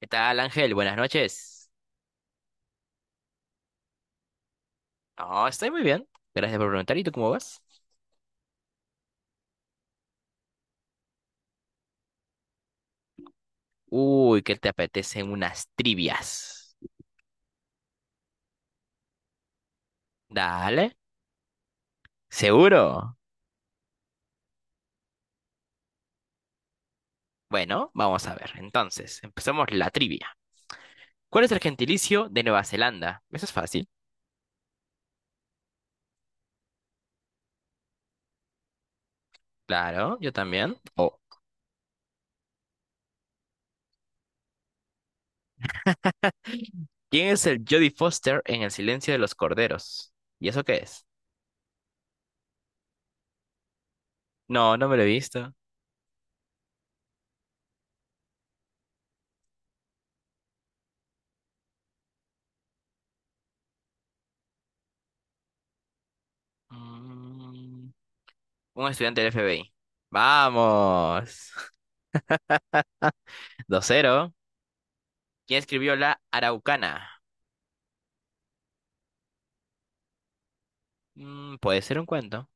¿Qué tal, Ángel? Buenas noches. No, estoy muy bien. Gracias por preguntar. ¿Y tú cómo vas? Uy, ¿qué te apetecen unas trivias? Dale, seguro. Bueno, vamos a ver. Entonces, empezamos la trivia. ¿Cuál es el gentilicio de Nueva Zelanda? Eso es fácil. Claro, yo también. Oh. ¿Quién es el Jodie Foster en El silencio de los corderos? ¿Y eso qué es? No, no me lo he visto. Mm, un estudiante del FBI. Vamos. Dos cero. ¿Quién escribió La Araucana? Mm, puede ser un cuento.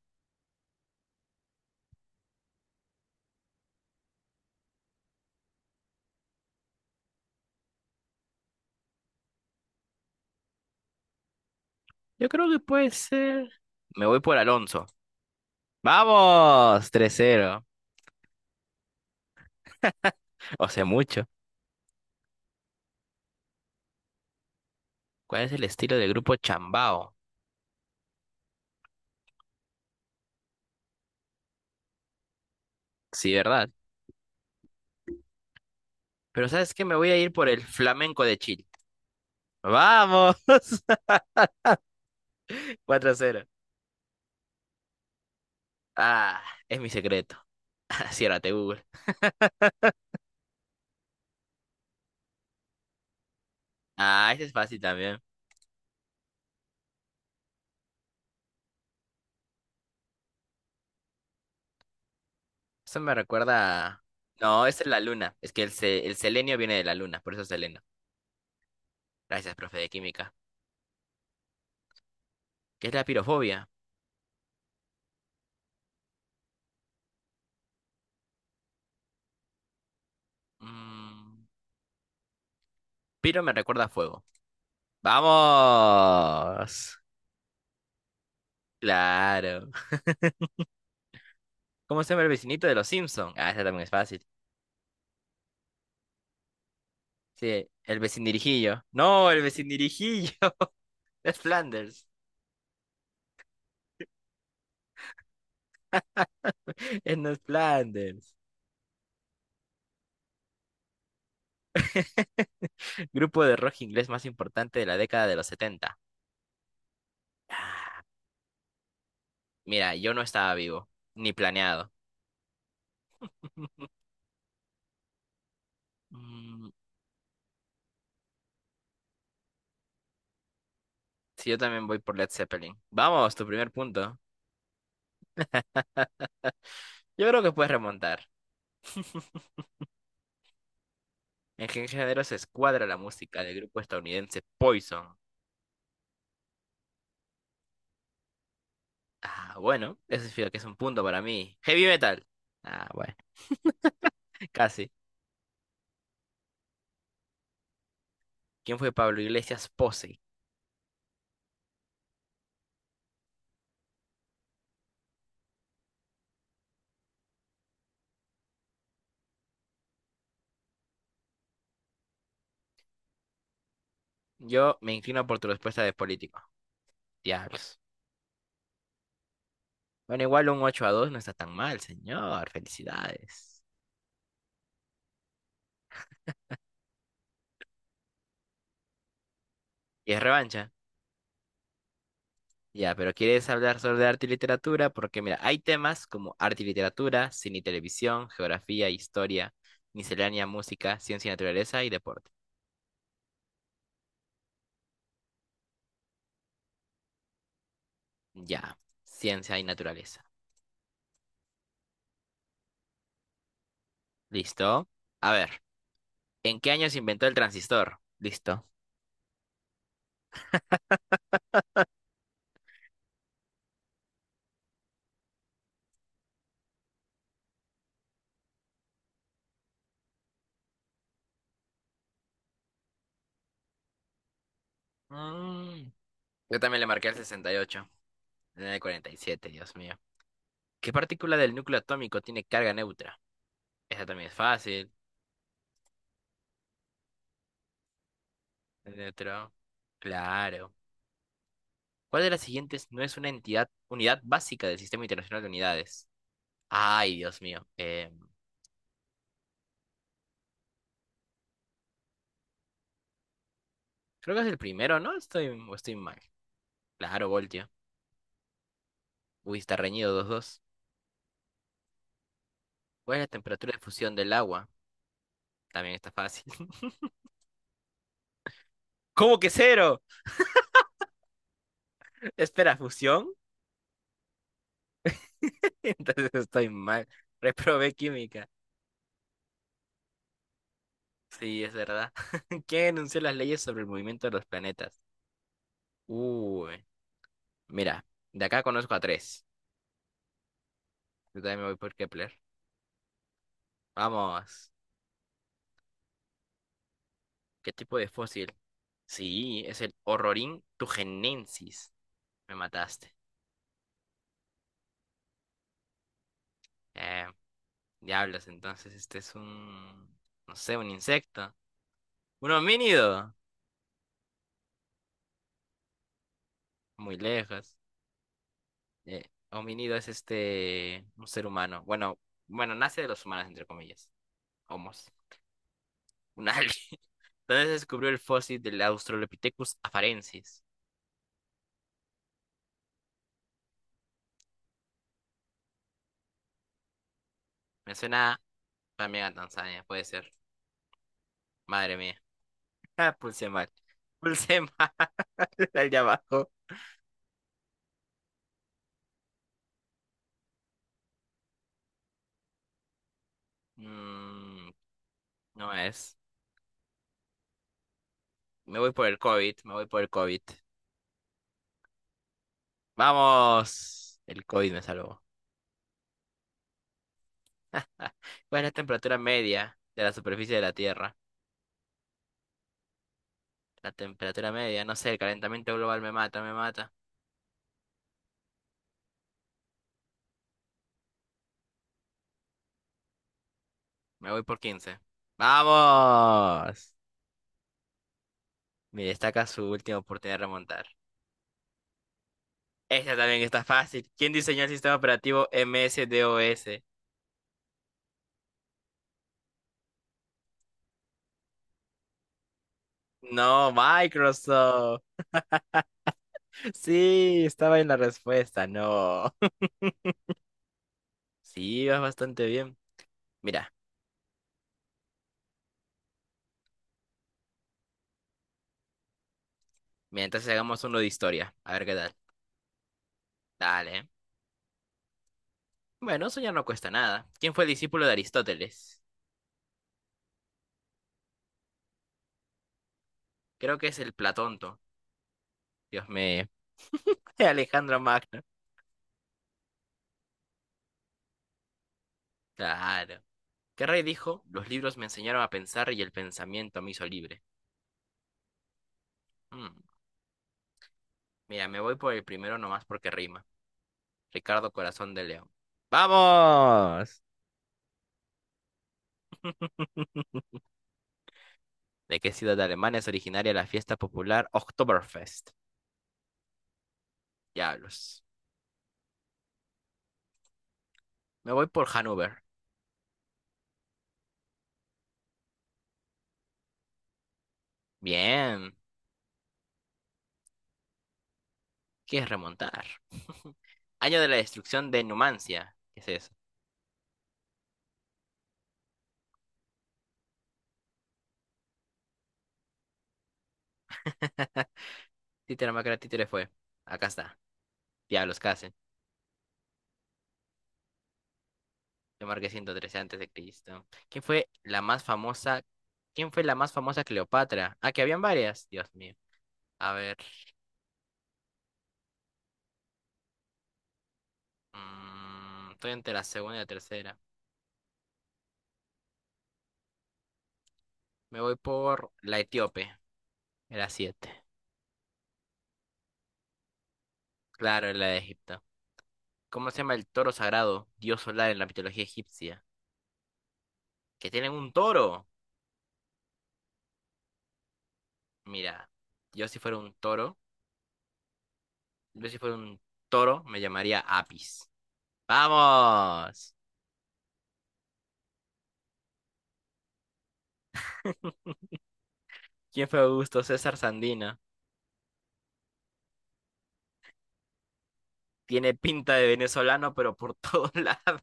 Yo creo que puede ser. Me voy por Alonso. ¡Vamos! 3-0. O sea, mucho. ¿Cuál es el estilo del grupo Chambao? Sí, ¿verdad? Pero ¿sabes qué? Me voy a ir por el flamenco de Chile. Vamos. Cuatro cero. Ah, es mi secreto. Ciérrate, Google. Ah, ese es fácil también. Eso me recuerda a. No, esa es la luna. Es que el selenio viene de la luna, por eso es seleno. Gracias, profe de química. ¿Qué es la pirofobia? Mm, piro me recuerda a fuego. ¡Vamos! Claro. ¿Cómo se llama el vecinito de los Simpsons? Ah, ese también es fácil. Sí, el vecindirijillo. No, el vecindirijillo. Es Flanders. Es no es Flanders. Grupo de rock inglés más importante de la década de los 70. Ah, mira, yo no estaba vivo, ni planeado. Mm, sí, yo también voy por Led Zeppelin. Vamos, tu primer punto. Yo creo que puedes remontar. ¿En qué género se escuadra la música del grupo estadounidense Poison? Ah, bueno, eso significa que es un punto para mí. Heavy metal. Ah, bueno, casi. ¿Quién fue Pablo Iglesias Posey? Yo me inclino por tu respuesta de político. Diablos. Bueno, igual un 8 a 2 no está tan mal, señor. Felicidades. ¿Y es revancha? Ya, pero ¿quieres hablar sobre arte y literatura? Porque mira, hay temas como arte y literatura, cine y televisión, geografía, historia, miscelánea, música, ciencia y naturaleza y deporte. Ya, ciencia y naturaleza. ¿Listo? A ver. ¿En qué año se inventó el transistor? Listo. Mm, yo también le marqué el 68. En el 47, Dios mío. ¿Qué partícula del núcleo atómico tiene carga neutra? Esa también es fácil. El neutro. Claro. ¿Cuál de las siguientes no es una entidad, unidad básica del Sistema Internacional de Unidades? Ay, Dios mío. Creo que es el primero, ¿no? O estoy mal. Claro, voltio. Uy, está reñido 2-2. ¿Cuál es la temperatura de fusión del agua? También está fácil. ¿Cómo que cero? Espera, ¿fusión? Entonces estoy mal. Reprobé química. Sí, es verdad. ¿Quién enunció las leyes sobre el movimiento de los planetas? Uy, mira, de acá conozco a tres. Yo también me voy por Kepler. Vamos. ¿Qué tipo de fósil? Sí, es el Horrorin tugenensis. Me mataste. Eh, Diablos, entonces no sé, un insecto. Un homínido. Muy lejos. Eh, Homínido es este, un ser humano. Bueno, bueno, nace de los humanos, entre comillas. Homos. Un alien. Donde se descubrió el fósil del Australopithecus afarensis? Me suena también a Tanzania, puede ser. Madre mía. Ah, pulse mal. Pulse mal allá abajo. Mm, no es. Me voy por el COVID, me voy por el COVID. ¡Vamos! El COVID me salvó. Ah, ¿cuál es la temperatura media de la superficie de la Tierra? La temperatura media, no sé, el calentamiento global me mata, me mata. Me voy por quince. ¡Vamos! Me destaca su última oportunidad de remontar. Esta también está fácil. ¿Quién diseñó el sistema operativo MS-DOS? No, Microsoft. Sí, estaba en la respuesta. No. Sí, vas bastante bien. Mira, mira, entonces hagamos uno de historia. A ver qué tal. Dale. Bueno, eso ya no cuesta nada. ¿Quién fue el discípulo de Aristóteles? Creo que es el Platonto. Dios mío. Alejandro Magno. Claro. ¿Qué rey dijo? Los libros me enseñaron a pensar y el pensamiento me hizo libre. Mm. Mira, me voy por el primero nomás porque rima. Ricardo Corazón de León. ¡Vamos! ¿De qué ciudad de Alemania es originaria la fiesta popular Oktoberfest? Diablos. Me voy por Hannover. Bien. ¿Quieres remontar? Año de la destrucción de Numancia. ¿Qué es eso? Títere Macra, títere fue. Acá está. Diablos, casi. Yo marqué 113 antes de Cristo. ¿Quién fue la más famosa? ¿Quién fue la más famosa Cleopatra? Ah, que habían varias. Dios mío. A ver. Mm, estoy entre la segunda y la tercera. Me voy por la etíope, era siete. Claro, era la de Egipto. ¿Cómo se llama el toro sagrado, dios solar en la mitología egipcia? Que tienen un toro. Mira, yo si fuera un toro, yo si fuera un toro me llamaría Apis. ¡Vamos! ¿Quién fue Augusto César Sandino? Tiene pinta de venezolano, pero por todos lados.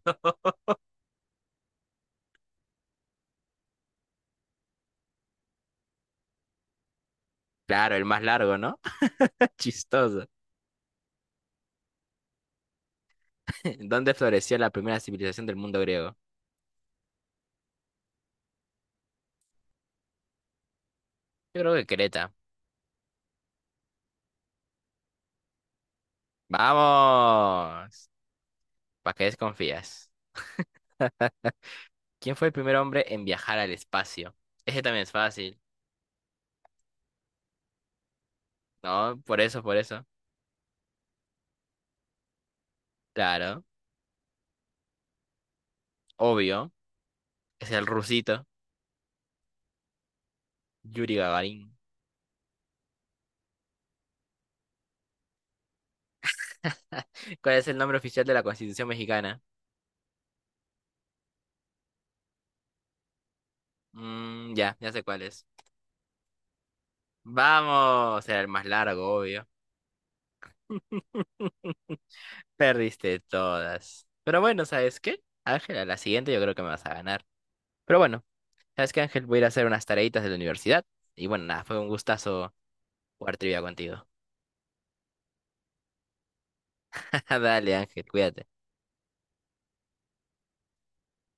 Claro, el más largo, ¿no? Chistoso. ¿Dónde floreció la primera civilización del mundo griego? Yo creo que Creta. ¡Vamos! ¿Para qué desconfías? ¿Quién fue el primer hombre en viajar al espacio? Ese también es fácil, ¿no? Por eso, por eso. Claro, obvio. Es el rusito, Yuri Gagarin. ¿Cuál es el nombre oficial de la Constitución mexicana? Mm, ya sé cuál es. Vamos, era el más largo, obvio. Perdiste todas. Pero bueno, ¿sabes qué? Ángela, la siguiente yo creo que me vas a ganar. Pero bueno, ¿sabes qué, Ángel? Voy a ir a hacer unas tareitas de la universidad. Y bueno, nada, fue un gustazo jugar trivia contigo. Dale, Ángel, cuídate.